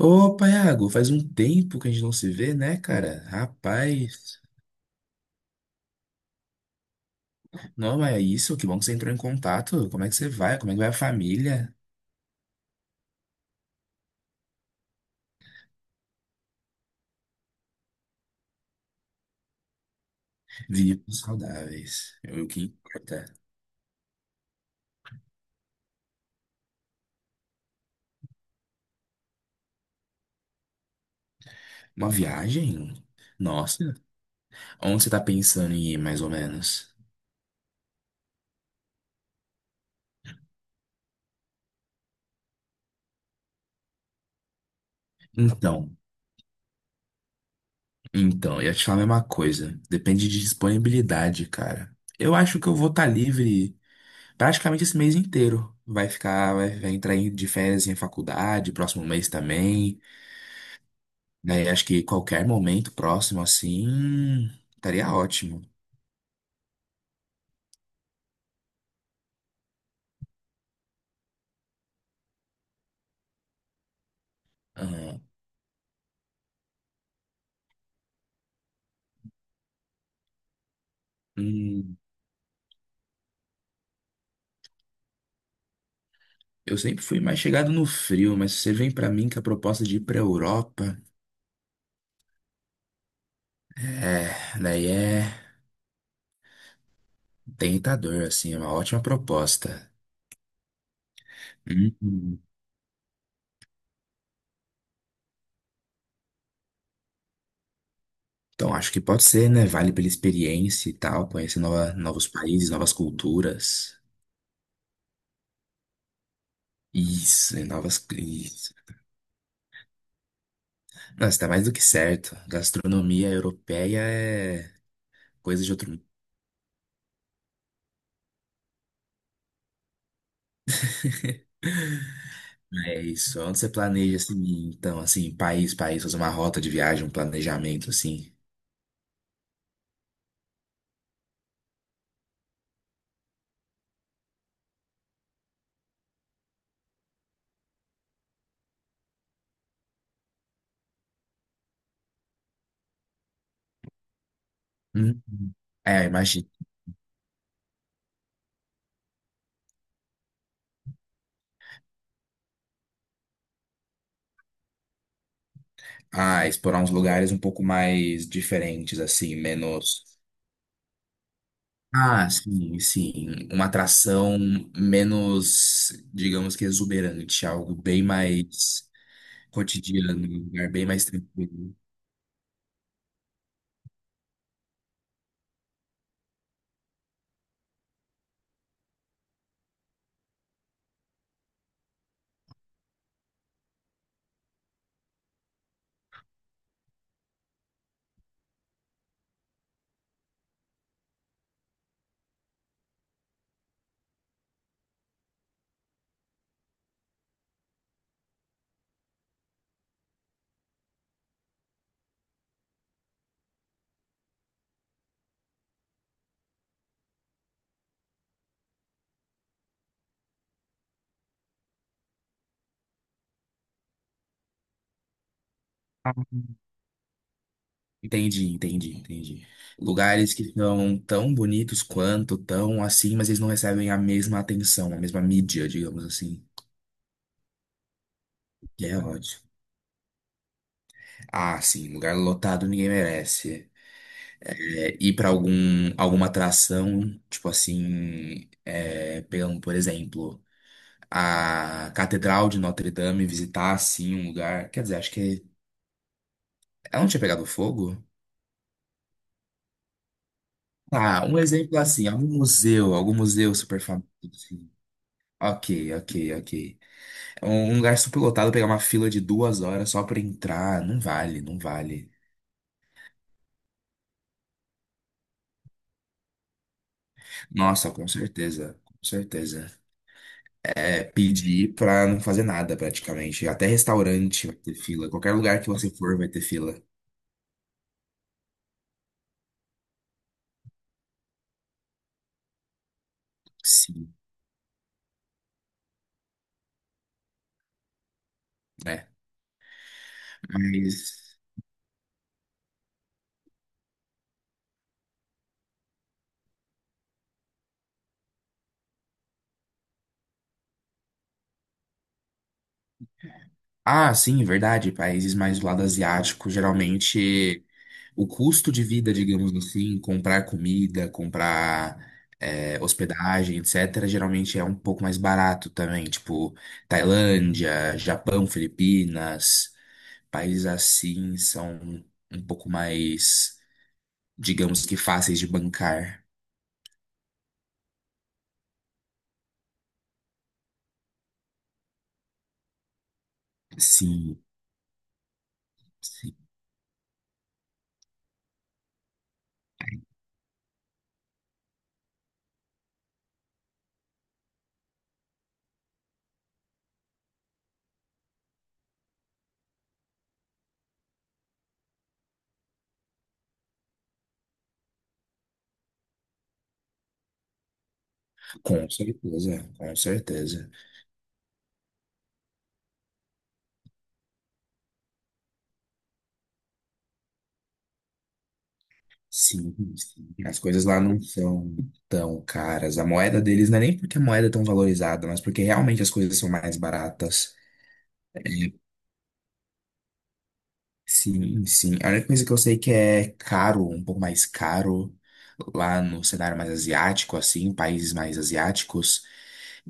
Opa, Iago, faz um tempo que a gente não se vê, né, cara? Rapaz, não é isso, que bom que você entrou em contato. Como é que você vai? Como é que vai a família? Vivos saudáveis, é o que importa. Uma viagem? Nossa, onde você tá pensando em ir, mais ou menos? Então, então, eu ia te falar a mesma coisa. Depende de disponibilidade, cara. Eu acho que eu vou estar livre praticamente esse mês inteiro. Vai ficar, vai entrar de férias em faculdade, próximo mês também. Daí acho que qualquer momento próximo assim estaria ótimo. Ah, hum, eu sempre fui mais chegado no frio, mas se você vem pra mim com a proposta de ir pra Europa, é, daí é tentador, assim, é uma ótima proposta. Hum, Então acho que pode ser, né? Vale pela experiência e tal, conhecer novos países, novas culturas. Isso, e novas. Isso. Nossa, tá mais do que certo. Gastronomia europeia é coisa de outro. É isso. Onde você planeja, assim, então, assim, país, país, fazer uma rota de viagem, um planejamento, assim. Uhum. É, imagina. Ah, explorar uns lugares um pouco mais diferentes, assim, menos. Ah, sim, sim. Uma atração menos, digamos que exuberante, algo bem mais cotidiano, um lugar bem mais tranquilo. Entendi, entendi, entendi. Lugares que são tão bonitos quanto, tão assim, mas eles não recebem a mesma atenção, a mesma mídia, digamos assim. Que é ótimo. Ah, sim, lugar lotado ninguém merece. É, ir pra algum, alguma atração, tipo assim, é, pegando, por exemplo, a Catedral de Notre Dame, visitar assim um lugar. Quer dizer, acho que ela não tinha pegado fogo? Ah, um exemplo assim, algum museu super famoso. Assim. Ok, ok, ok. Um lugar superlotado, pegar uma fila de 2 horas só pra entrar, não vale, não vale. Nossa, com certeza, com certeza. É pedir pra não fazer nada praticamente. Até restaurante vai ter fila. Qualquer lugar que você for vai ter fila. Sim, né? Mas. Ah, sim, verdade. Países mais do lado asiático, geralmente o custo de vida, digamos assim, comprar comida, comprar hospedagem, etc., geralmente é um pouco mais barato também. Tipo, Tailândia, Japão, Filipinas, países assim são um pouco mais, digamos que fáceis de bancar. Sim, sim. Com certeza, com certeza. Sim, sim. As coisas lá não são tão caras. A moeda deles não é nem porque a moeda é tão valorizada, mas porque realmente as coisas são mais baratas. É, sim, sim. A única coisa que eu sei que é caro, um pouco mais caro, lá no cenário mais asiático, assim, países mais asiáticos,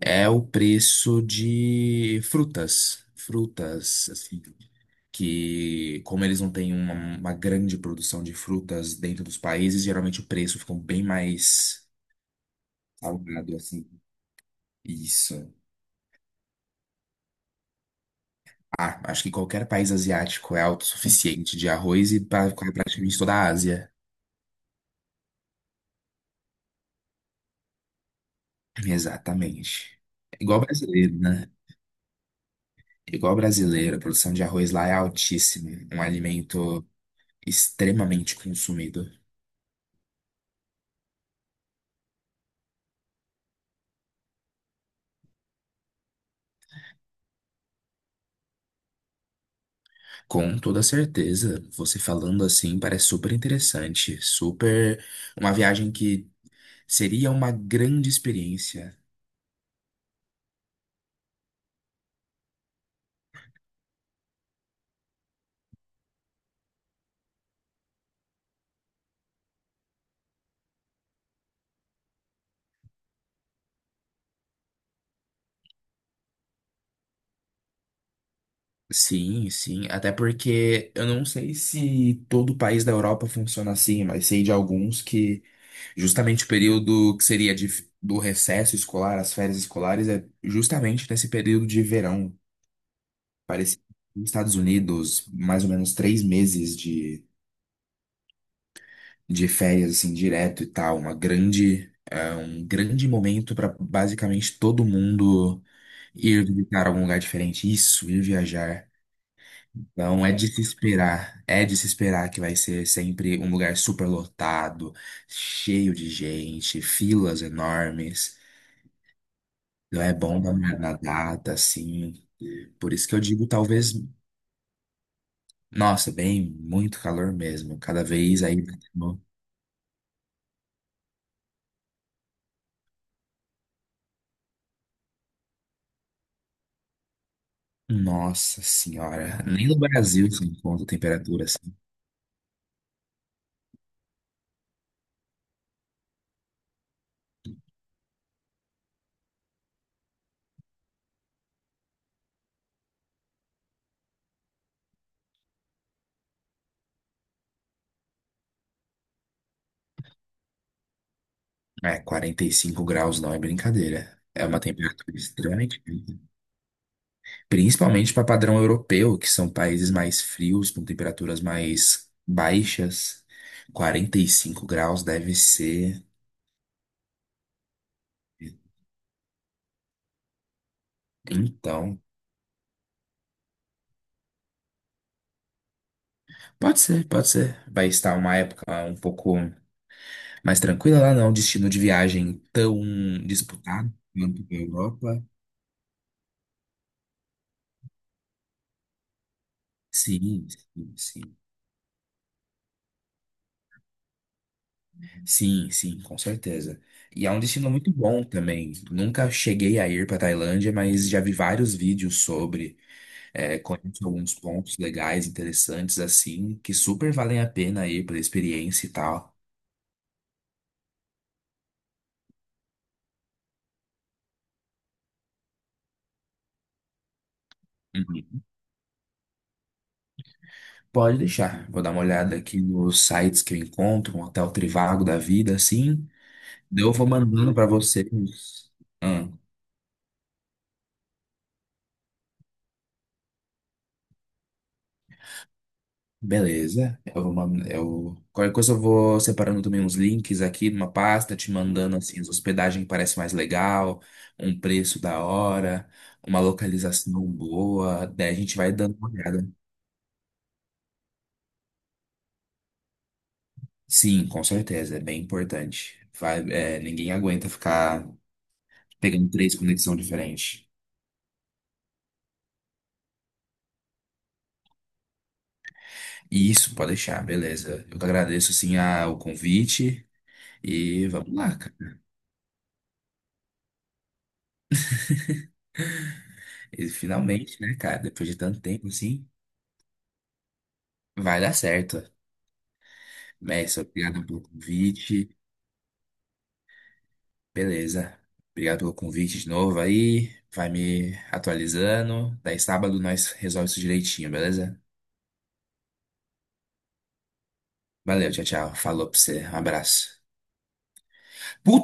é o preço de frutas. Frutas, assim. Que, como eles não têm uma grande produção de frutas dentro dos países, geralmente o preço fica bem mais. Salgado, assim. Isso. Ah, acho que qualquer país asiático é autossuficiente de arroz e pra praticamente toda a Ásia. Exatamente. É igual brasileiro, né? É igual brasileiro, a produção de arroz lá é altíssima. Um alimento extremamente consumido. Com toda certeza. Você falando assim parece super interessante. Super. Uma viagem que seria uma grande experiência. Sim, sim. Até porque eu não sei se todo o país da Europa funciona assim, mas sei de alguns que justamente o período que seria do recesso escolar, as férias escolares, é justamente nesse período de verão. Parecido nos Estados Unidos, mais ou menos 3 meses de férias, assim, direto e tal. Uma grande, é um grande momento para basicamente todo mundo ir visitar algum lugar diferente. Isso, ir viajar. Não é de se esperar, é de se esperar que vai ser sempre um lugar super lotado, cheio de gente, filas enormes. Não é bom na data, assim. Por isso que eu digo, talvez, nossa, bem, muito calor mesmo. Cada vez aí, nossa senhora, nem no Brasil se encontra temperatura assim. É, 45 graus não é brincadeira. É uma temperatura estranha. Principalmente para padrão europeu, que são países mais frios, com temperaturas mais baixas. 45 graus deve ser. Então, pode ser, pode ser. Vai estar uma época um pouco mais tranquila lá, não. Destino de viagem tão disputado quanto a Europa. Sim, sim, sim. Sim, sim, com certeza. E é um destino muito bom também. Nunca cheguei a ir para Tailândia, mas já vi vários vídeos sobre. É, conheço alguns pontos legais, interessantes, assim, que super valem a pena ir pela experiência e tal. Uhum. Pode deixar. Vou dar uma olhada aqui nos sites que eu encontro, um hotel Trivago da vida, assim. Daí eu vou mandando pra vocês. Ah, beleza. Eu vou mandando, eu... Qualquer coisa eu vou separando também uns links aqui numa pasta, te mandando, assim, as hospedagem que parece mais legal, um preço da hora, uma localização boa. Daí a gente vai dando uma olhada. Sim, com certeza, é bem importante. Vai, é, ninguém aguenta ficar pegando três conexões diferentes. Isso, pode deixar, beleza. Eu que agradeço, assim, o convite e vamos lá, cara. E finalmente, né, cara, depois de tanto tempo, assim, vai dar certo. Mestre, obrigado pelo convite, beleza. Obrigado pelo convite de novo aí, vai me atualizando. Daí sábado nós resolvemos isso direitinho, beleza? Valeu, tchau, tchau. Falou pra você, um abraço. Puta